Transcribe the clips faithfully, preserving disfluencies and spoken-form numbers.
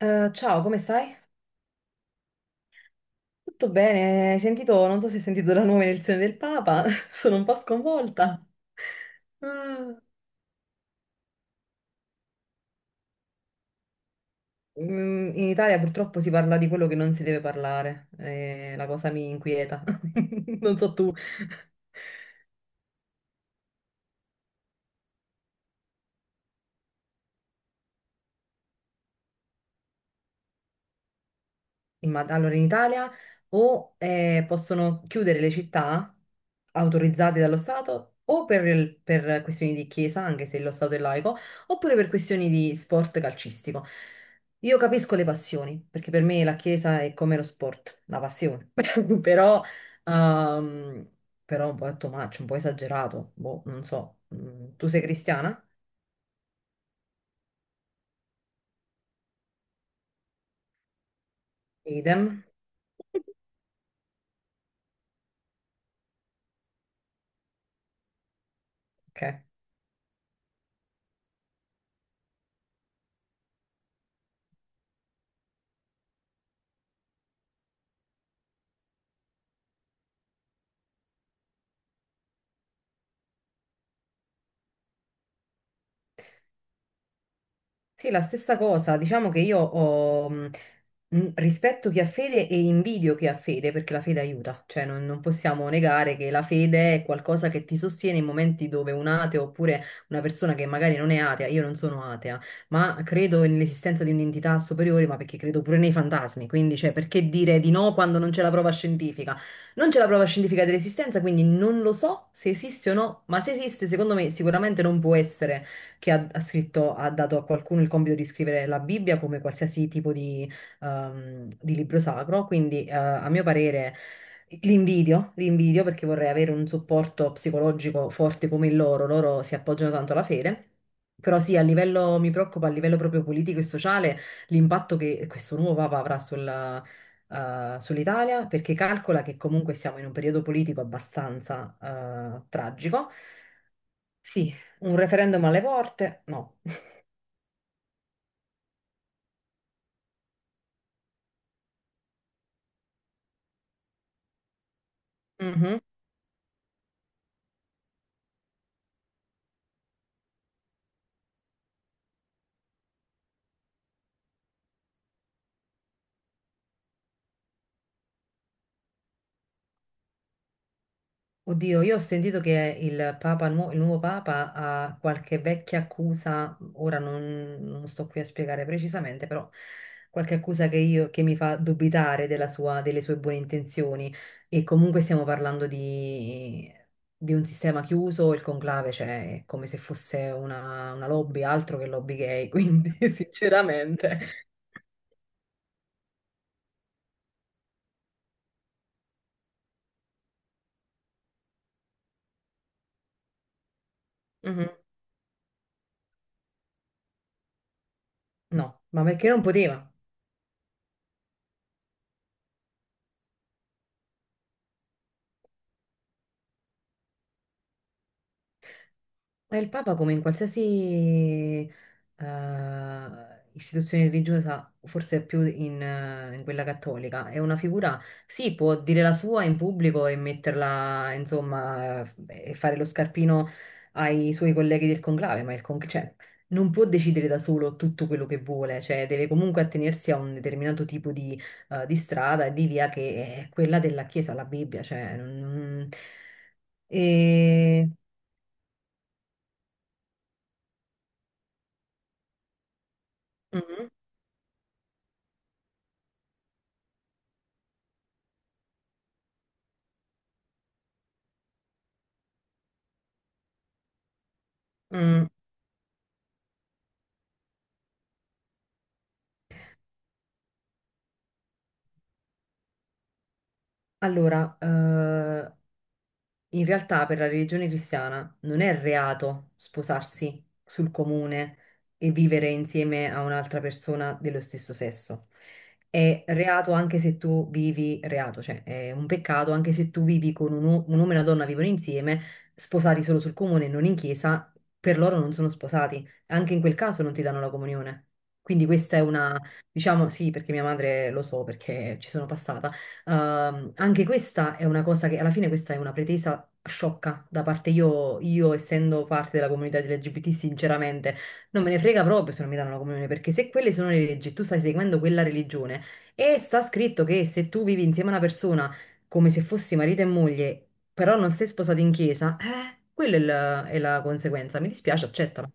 Eh, ciao, come stai? Tutto bene? Hai sentito, non so se hai sentito la nuova elezione del Papa, sono un po' sconvolta. Ah. Mm, In Italia purtroppo si parla di quello che non si deve parlare, eh, la cosa mi inquieta. Non so tu. In Mad- allora, in Italia o eh, possono chiudere le città autorizzate dallo Stato o per, il- per questioni di chiesa, anche se lo Stato è laico, oppure per questioni di sport calcistico. Io capisco le passioni, perché per me la chiesa è come lo sport, la passione, però, ehm, però un po' è too much, un po' esagerato, boh, non so. Mm, Tu sei cristiana? Idem. Ok. Sì, la stessa cosa, diciamo che io ho, mh, mh, rispetto chi ha fede e invidio chi ha fede, perché la fede aiuta, cioè non, non possiamo negare che la fede è qualcosa che ti sostiene in momenti dove un ateo oppure una persona che magari non è atea, io non sono atea, ma credo nell'esistenza di un'entità superiore, ma perché credo pure nei fantasmi, quindi cioè, perché dire di no quando non c'è la prova scientifica? Non c'è la prova scientifica dell'esistenza, quindi non lo so se esiste o no, ma se esiste, secondo me sicuramente non può essere che ha, ha scritto, ha dato a qualcuno il compito di scrivere la Bibbia come qualsiasi tipo di, ehm, di libro sacro. Quindi, eh, a mio parere, l'invidio, l'invidio perché vorrei avere un supporto psicologico forte come il loro. Loro si appoggiano tanto alla fede. Però sì, a livello, mi preoccupa a livello proprio politico e sociale l'impatto che questo nuovo Papa avrà sulla, eh, sull'Italia, perché calcola che comunque siamo in un periodo politico abbastanza eh, tragico, sì, un referendum alle porte? No. Mhm. Oddio, io ho sentito che il Papa, il nuo- il nuovo Papa ha qualche vecchia accusa, ora non, non sto qui a spiegare precisamente, però qualche accusa che, io, che mi fa dubitare della sua- delle sue buone intenzioni. E comunque stiamo parlando di, di un sistema chiuso, il conclave, cioè è come se fosse una, una lobby, altro che lobby gay, quindi sinceramente. Mhm. No, ma perché non poteva? Ma il Papa, come in qualsiasi eh, istituzione religiosa, forse più in, eh, in quella cattolica, è una figura, sì, può dire la sua in pubblico e metterla, insomma, eh, e fare lo scarpino ai suoi colleghi del conclave, ma il con- cioè, non può decidere da solo tutto quello che vuole, cioè deve comunque attenersi a un determinato tipo di, eh, di strada e di via che è quella della Chiesa, la Bibbia, cioè... non- E... Mhm, mm. Allora, eh, in realtà per la religione cristiana non è reato sposarsi sul comune e vivere insieme a un'altra persona dello stesso sesso. È reato anche se tu vivi, reato, cioè è un peccato anche se tu vivi con un, u- un uomo e una donna vivono insieme, sposati solo sul comune e non in chiesa, per loro non sono sposati. Anche in quel caso non ti danno la comunione. Quindi questa è una, diciamo, sì, perché mia madre lo so, perché ci sono passata. Ehm, anche questa è una cosa che alla fine questa è una pretesa sciocca da parte io, io essendo parte della comunità L G B T, sinceramente non me ne frega proprio se non mi danno la comunione, perché se quelle sono le leggi, e tu stai seguendo quella religione e sta scritto che se tu vivi insieme a una persona come se fossi marito e moglie, però non sei sposato in chiesa, eh, quella è la, è la conseguenza. Mi dispiace, accettala.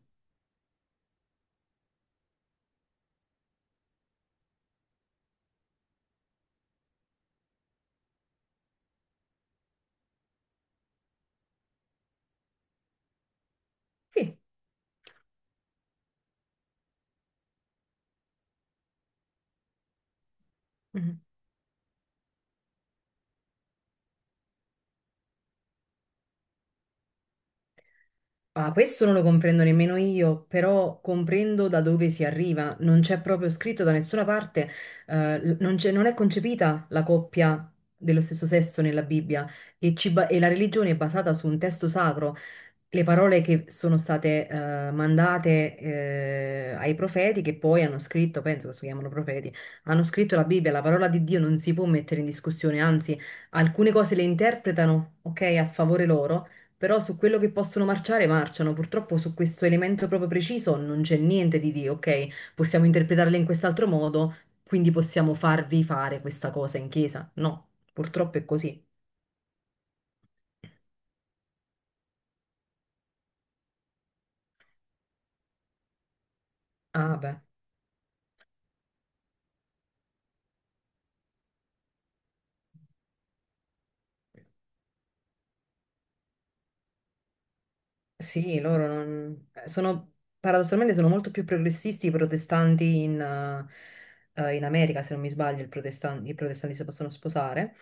Sì. Mhm. Ah, questo non lo comprendo nemmeno io, però comprendo da dove si arriva. Non c'è proprio scritto da nessuna parte, eh, l- non c'è- non è concepita la coppia dello stesso sesso nella Bibbia e, ci ba- e la religione è basata su un testo sacro. Le parole che sono state eh, mandate eh, ai profeti, che poi hanno scritto, penso che si chiamano profeti, hanno scritto la Bibbia, la parola di Dio non si può mettere in discussione, anzi, alcune cose le interpretano, ok, a favore loro, però su quello che possono marciare, marciano. Purtroppo su questo elemento proprio preciso non c'è niente di di, ok, possiamo interpretarle in quest'altro modo, quindi possiamo farvi fare questa cosa in chiesa. No, purtroppo è così. Ah, beh, sì, loro non... sono, paradossalmente sono molto più progressisti i protestanti in, eh, eh, in America, se non mi sbaglio, il protestan- i protestanti si possono sposare.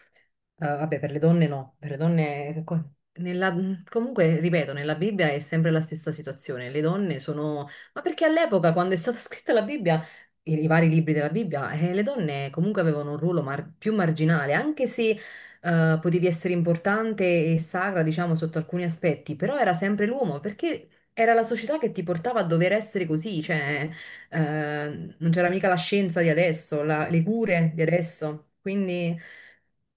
Ah, vabbè, per le donne no, per le donne... eh, co- nella- comunque, ripeto, nella Bibbia è sempre la stessa situazione. Le donne sono... Ma perché all'epoca, quando è stata scritta la Bibbia, i, i vari libri della Bibbia, eh, le donne comunque avevano un ruolo mar- più marginale, anche se eh, potevi essere importante e sacra, diciamo, sotto alcuni aspetti, però era sempre l'uomo, perché era la società che ti portava a dover essere così, cioè eh, non c'era mica la scienza di adesso, la- le cure di adesso, quindi...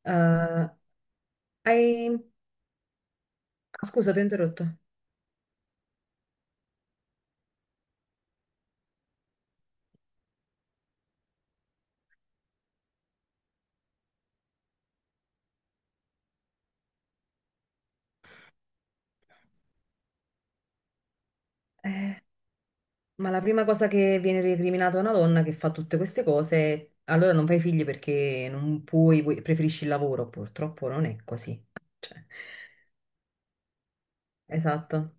Eh, hai... ah, scusa, ti ho interrotto, ma la prima cosa che viene recriminata a una donna che fa tutte queste cose, allora non fai figli perché non puoi, vuoi- preferisci il lavoro, purtroppo non è così. Cioè, esatto.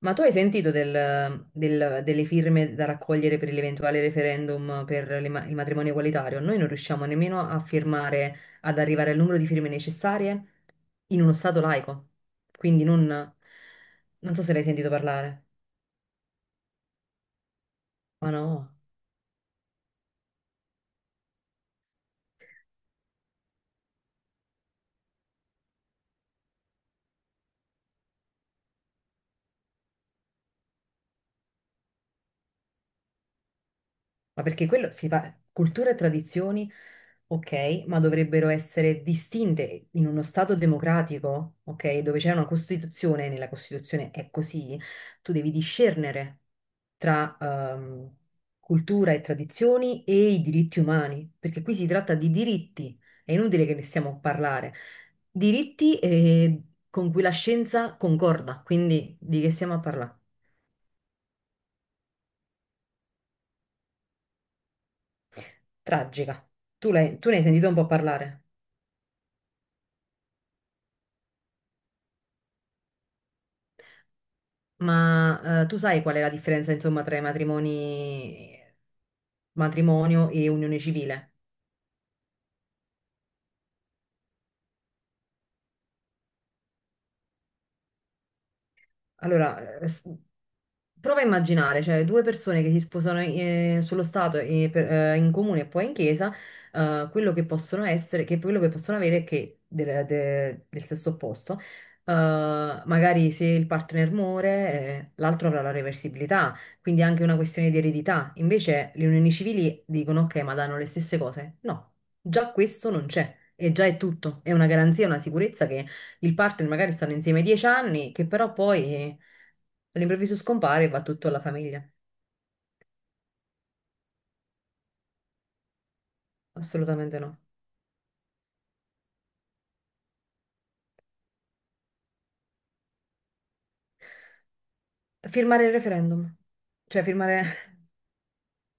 Ma tu hai sentito del- del- delle firme da raccogliere per l'eventuale referendum per le ma- il matrimonio egualitario? Noi non riusciamo nemmeno a firmare, ad arrivare al numero di firme necessarie in uno stato laico. Quindi non... Non so se l'hai sentito parlare. Ma no, ma perché quello si fa, cultura e tradizioni, ok, ma dovrebbero essere distinte in uno Stato democratico, ok, dove c'è una Costituzione, nella Costituzione è così, tu devi discernere tra ehm, cultura e tradizioni e i diritti umani, perché qui si tratta di diritti, è inutile che ne stiamo a parlare, diritti eh, con cui la scienza concorda, quindi di che stiamo a parlare? Tragica. Tu, l'hai- tu ne hai sentito un po' parlare? Ma eh, tu sai qual è la differenza, insomma, tra i matrimoni, matrimonio e unione civile? Allora, eh, s- prova a immaginare, cioè due persone che si sposano eh, sullo Stato e per- eh, in comune e poi in chiesa, eh, quello che possono essere, che quello che possono avere è che del, de- del sesso opposto, eh, magari se il partner muore, eh, l'altro avrà la reversibilità, quindi è anche una questione di eredità. Invece le unioni civili dicono ok, ma danno le stesse cose. No, già questo non c'è e già è tutto, è una garanzia, una sicurezza, il partner magari stanno insieme dieci anni, che però poi eh, all'improvviso scompare e va tutto alla famiglia. Assolutamente no. Firmare il referendum. Cioè, firmare...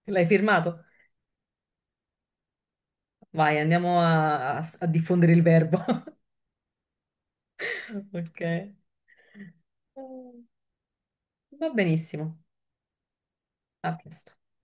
L'hai firmato? Vai, andiamo a, a- a diffondere il verbo. Ok. Va benissimo. A presto.